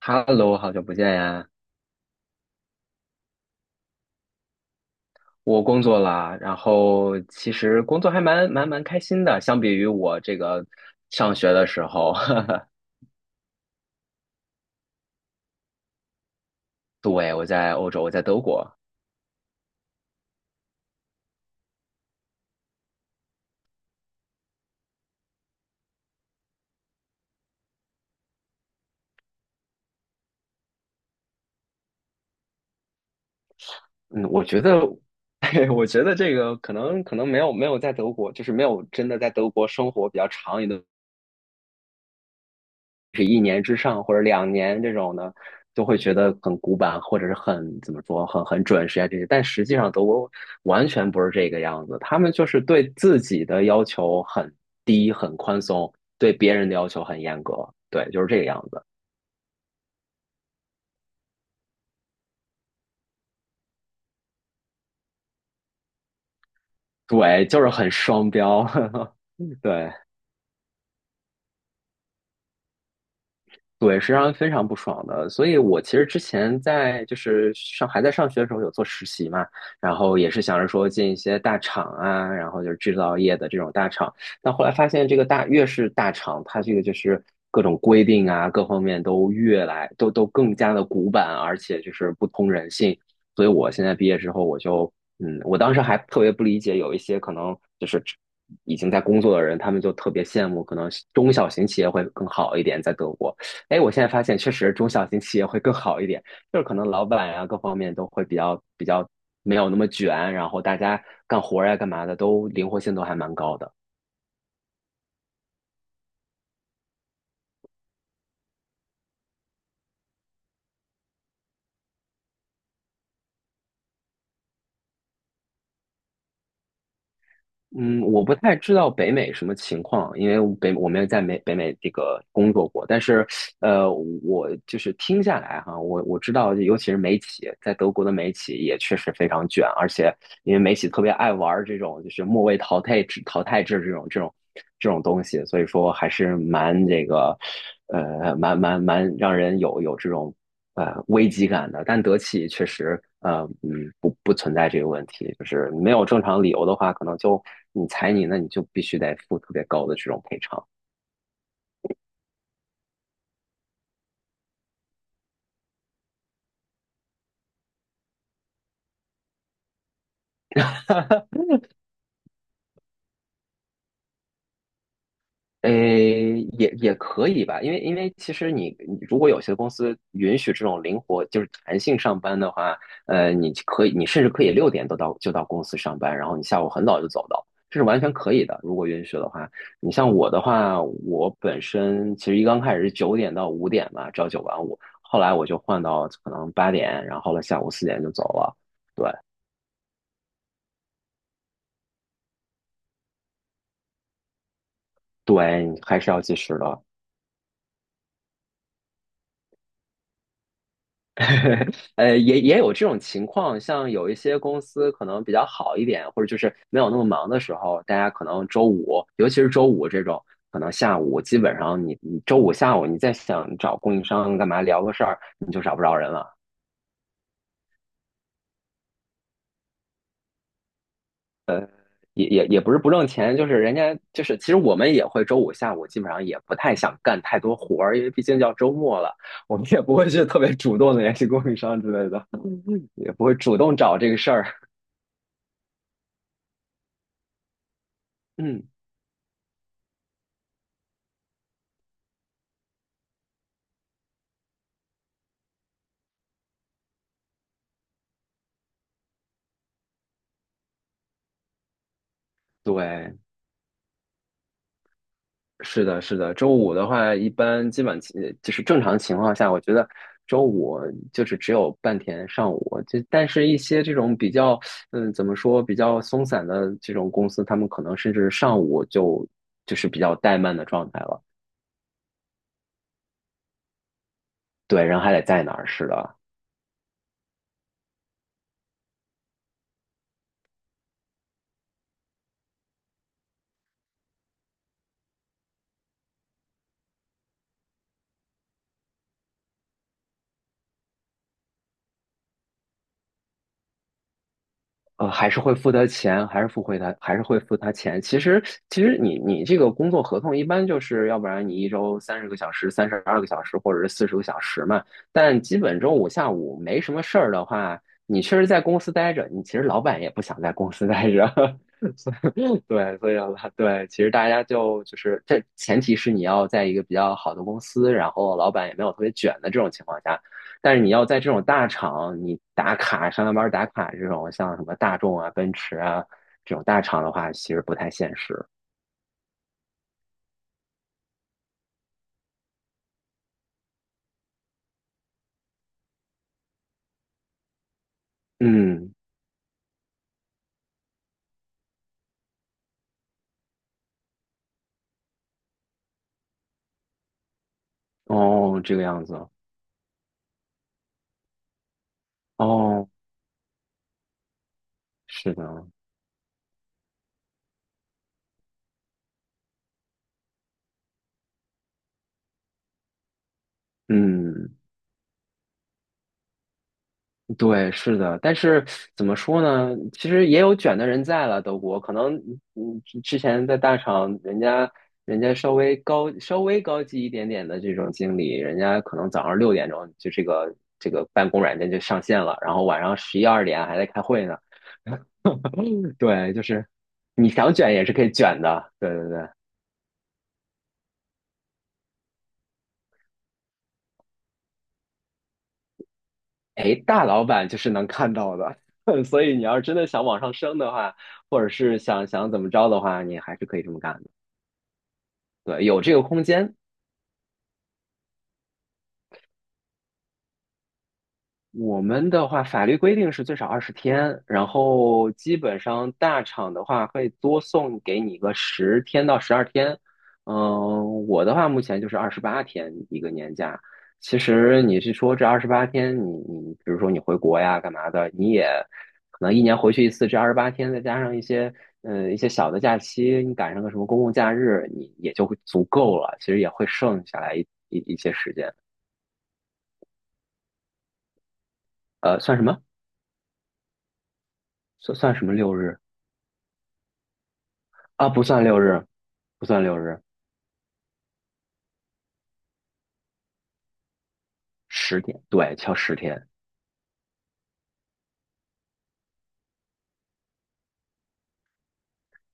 Hello，好久不见呀！我工作了，然后其实工作还蛮开心的，相比于我这个上学的时候，对，我在欧洲，我在德国。嗯，我觉得，我觉得这个可能没有在德国，就是没有真的在德国生活比较长一段。是一年之上或者2年这种的，都会觉得很古板，或者是很怎么说，很准时啊这些。但实际上德国完全不是这个样子，他们就是对自己的要求很低、很宽松，对别人的要求很严格，对，就是这个样子。对，就是很双标，对。对，是让人非常不爽的。所以我其实之前在就是上还在上学的时候有做实习嘛，然后也是想着说进一些大厂啊，然后就是制造业的这种大厂。但后来发现这个越是大厂，它这个就是各种规定啊，各方面越来都更加的古板，而且就是不通人性。所以我现在毕业之后，我就嗯，我当时还特别不理解，有一些可能就是已经在工作的人，他们就特别羡慕，可能中小型企业会更好一点，在德国。哎，我现在发现确实中小型企业会更好一点，就是可能老板呀、各方面都会比较没有那么卷，然后大家干活儿呀、干嘛的都灵活性都还蛮高的。嗯，我不太知道北美什么情况，因为我没有在北美这个工作过，但是，呃，我就是听下来哈，我知道，尤其是美企，在德国的美企也确实非常卷，而且因为美企特别爱玩这种就是末位淘汰制这种东西，所以说还是蛮这个，蛮让人有这种危机感的，但德企确实不存在这个问题，就是没有正常理由的话，可能就你裁你，那你就必须得付特别高的这种赔偿。诶，也可以吧，因为其实你如果有些公司允许这种灵活就是弹性上班的话，你甚至可以六点都到就到公司上班，然后你下午很早就走的，这是完全可以的。如果允许的话，你像我的话，我本身其实刚开始是9点到5点吧，朝九晚五，后来我就换到可能8点，然后了下午4点就走了。对对，还是要计时的。也有这种情况，像有一些公司可能比较好一点，或者就是没有那么忙的时候，大家可能周五，尤其是周五这种，可能下午基本上你周五下午你再想找供应商干嘛聊个事儿，你就找不着人了。也不是不挣钱，就是人家就是，其实我们也会周五下午基本上也不太想干太多活儿，因为毕竟叫周末了，我们也不会去特别主动的联系供应商之类的，也不会主动找这个事儿。嗯，对。是的，是的。周五的话，一般基本情就是正常情况下，我觉得周五就是只有半天上午。但是，一些这种比较，怎么说，比较松散的这种公司，他们可能甚至上午就是比较怠慢的状态了。对，人还得在那儿，是的。还是会付他钱，还是会付他钱。其实，你这个工作合同一般就是，要不然你一周30个小时、32个小时，或者是40个小时嘛。但基本周五下午没什么事儿的话，你确实在公司待着，你其实老板也不想在公司待着。所以对，所以了，对，其实大家就是这前提是你要在一个比较好的公司，然后老板也没有特别卷的这种情况下。但是你要在这种大厂，你打卡上下班打卡这种，像什么大众啊、奔驰啊这种大厂的话，其实不太现实。嗯，哦，这个样子，哦，是的，嗯，对，是的。但是怎么说呢？其实也有卷的人在了，德国可能，之前在大厂，人家稍微高级一点点的这种经理，人家可能早上6点钟就这个办公软件就上线了，然后晚上11、12点还在开会呢。嗯，对，就是你想卷也是可以卷的，对对对。哎，大老板就是能看到的，所以你要是真的想往上升的话，或者是想想怎么着的话，你还是可以这么干的。对，有这个空间，我们的话，法律规定是最少20天，然后基本上大厂的话会多送给你个10天到12天。嗯，我的话目前就是二十八天一个年假。其实你是说这二十八天，你比如说你回国呀干嘛的，你也可能一年回去一次，这二十八天再加上一些小的假期，你赶上个什么公共假日，你也就会足够了。其实也会剩下来一些时间。算什么？算什么六日？啊，不算六日，不算六日，十天，对，敲十天，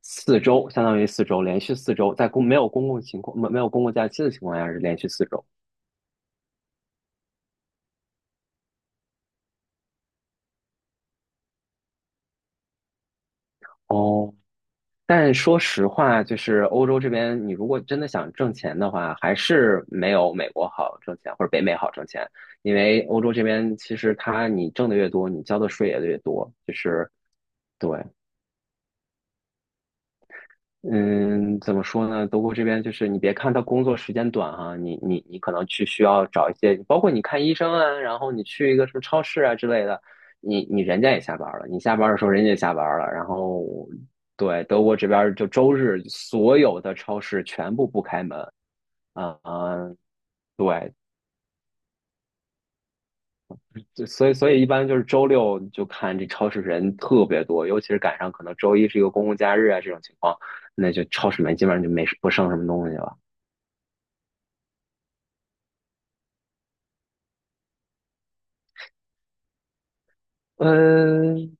四周，相当于四周，连续四周，在没有公共情况，没有公共假期的情况下是连续四周。哦，但说实话，就是欧洲这边，你如果真的想挣钱的话，还是没有美国好挣钱，或者北美好挣钱。因为欧洲这边其实它你挣的越多，你交的税也越多，就是对。嗯，怎么说呢？德国这边就是你别看他工作时间短哈、你可能去需要找一些，包括你看医生啊，然后你去一个什么超市啊之类的，人家也下班了，你下班的时候人家也下班了，然后对德国这边儿就周日所有的超市全部不开门啊、嗯，对，就所以一般就是周六就看这超市人特别多，尤其是赶上可能周一是一个公共假日啊这种情况，那就超市里面基本上就没不剩什么东西了。嗯，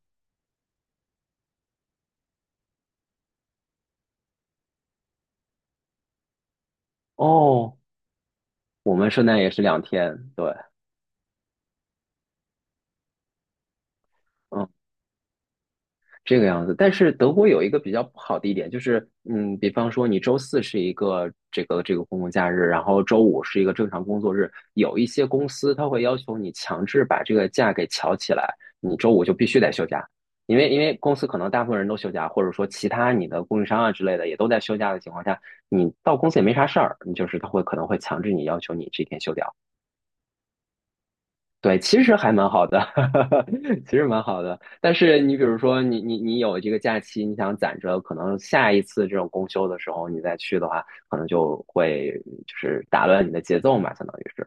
哦，我们圣诞也是2天，对，嗯，这个样子。但是德国有一个比较不好的一点，就是，比方说你周四是一个这个公共假日，然后周五是一个正常工作日，有一些公司它会要求你强制把这个假给调起来，你周五就必须得休假，因为公司可能大部分人都休假，或者说其他你的供应商啊之类的也都在休假的情况下，你到公司也没啥事儿，你就是他会可能会强制你要求你这天休掉。对，其实还蛮好的，其实蛮好的。但是你比如说你有这个假期，你想攒着，可能下一次这种公休的时候你再去的话，可能就是打乱你的节奏嘛，相当于是。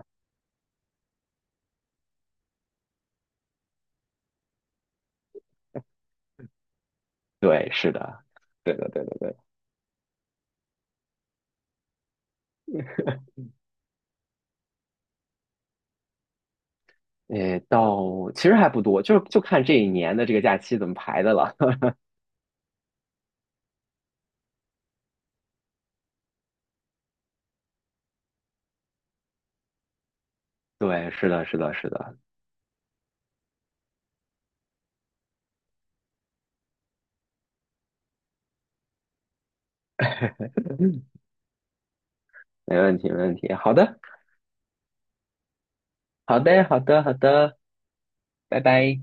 对，是的，对的。诶，到其实还不多，就是就看这一年的这个假期怎么排的了。对，是的，是的，是的，没问题，没问题。好的，好的，好的，好的，拜拜。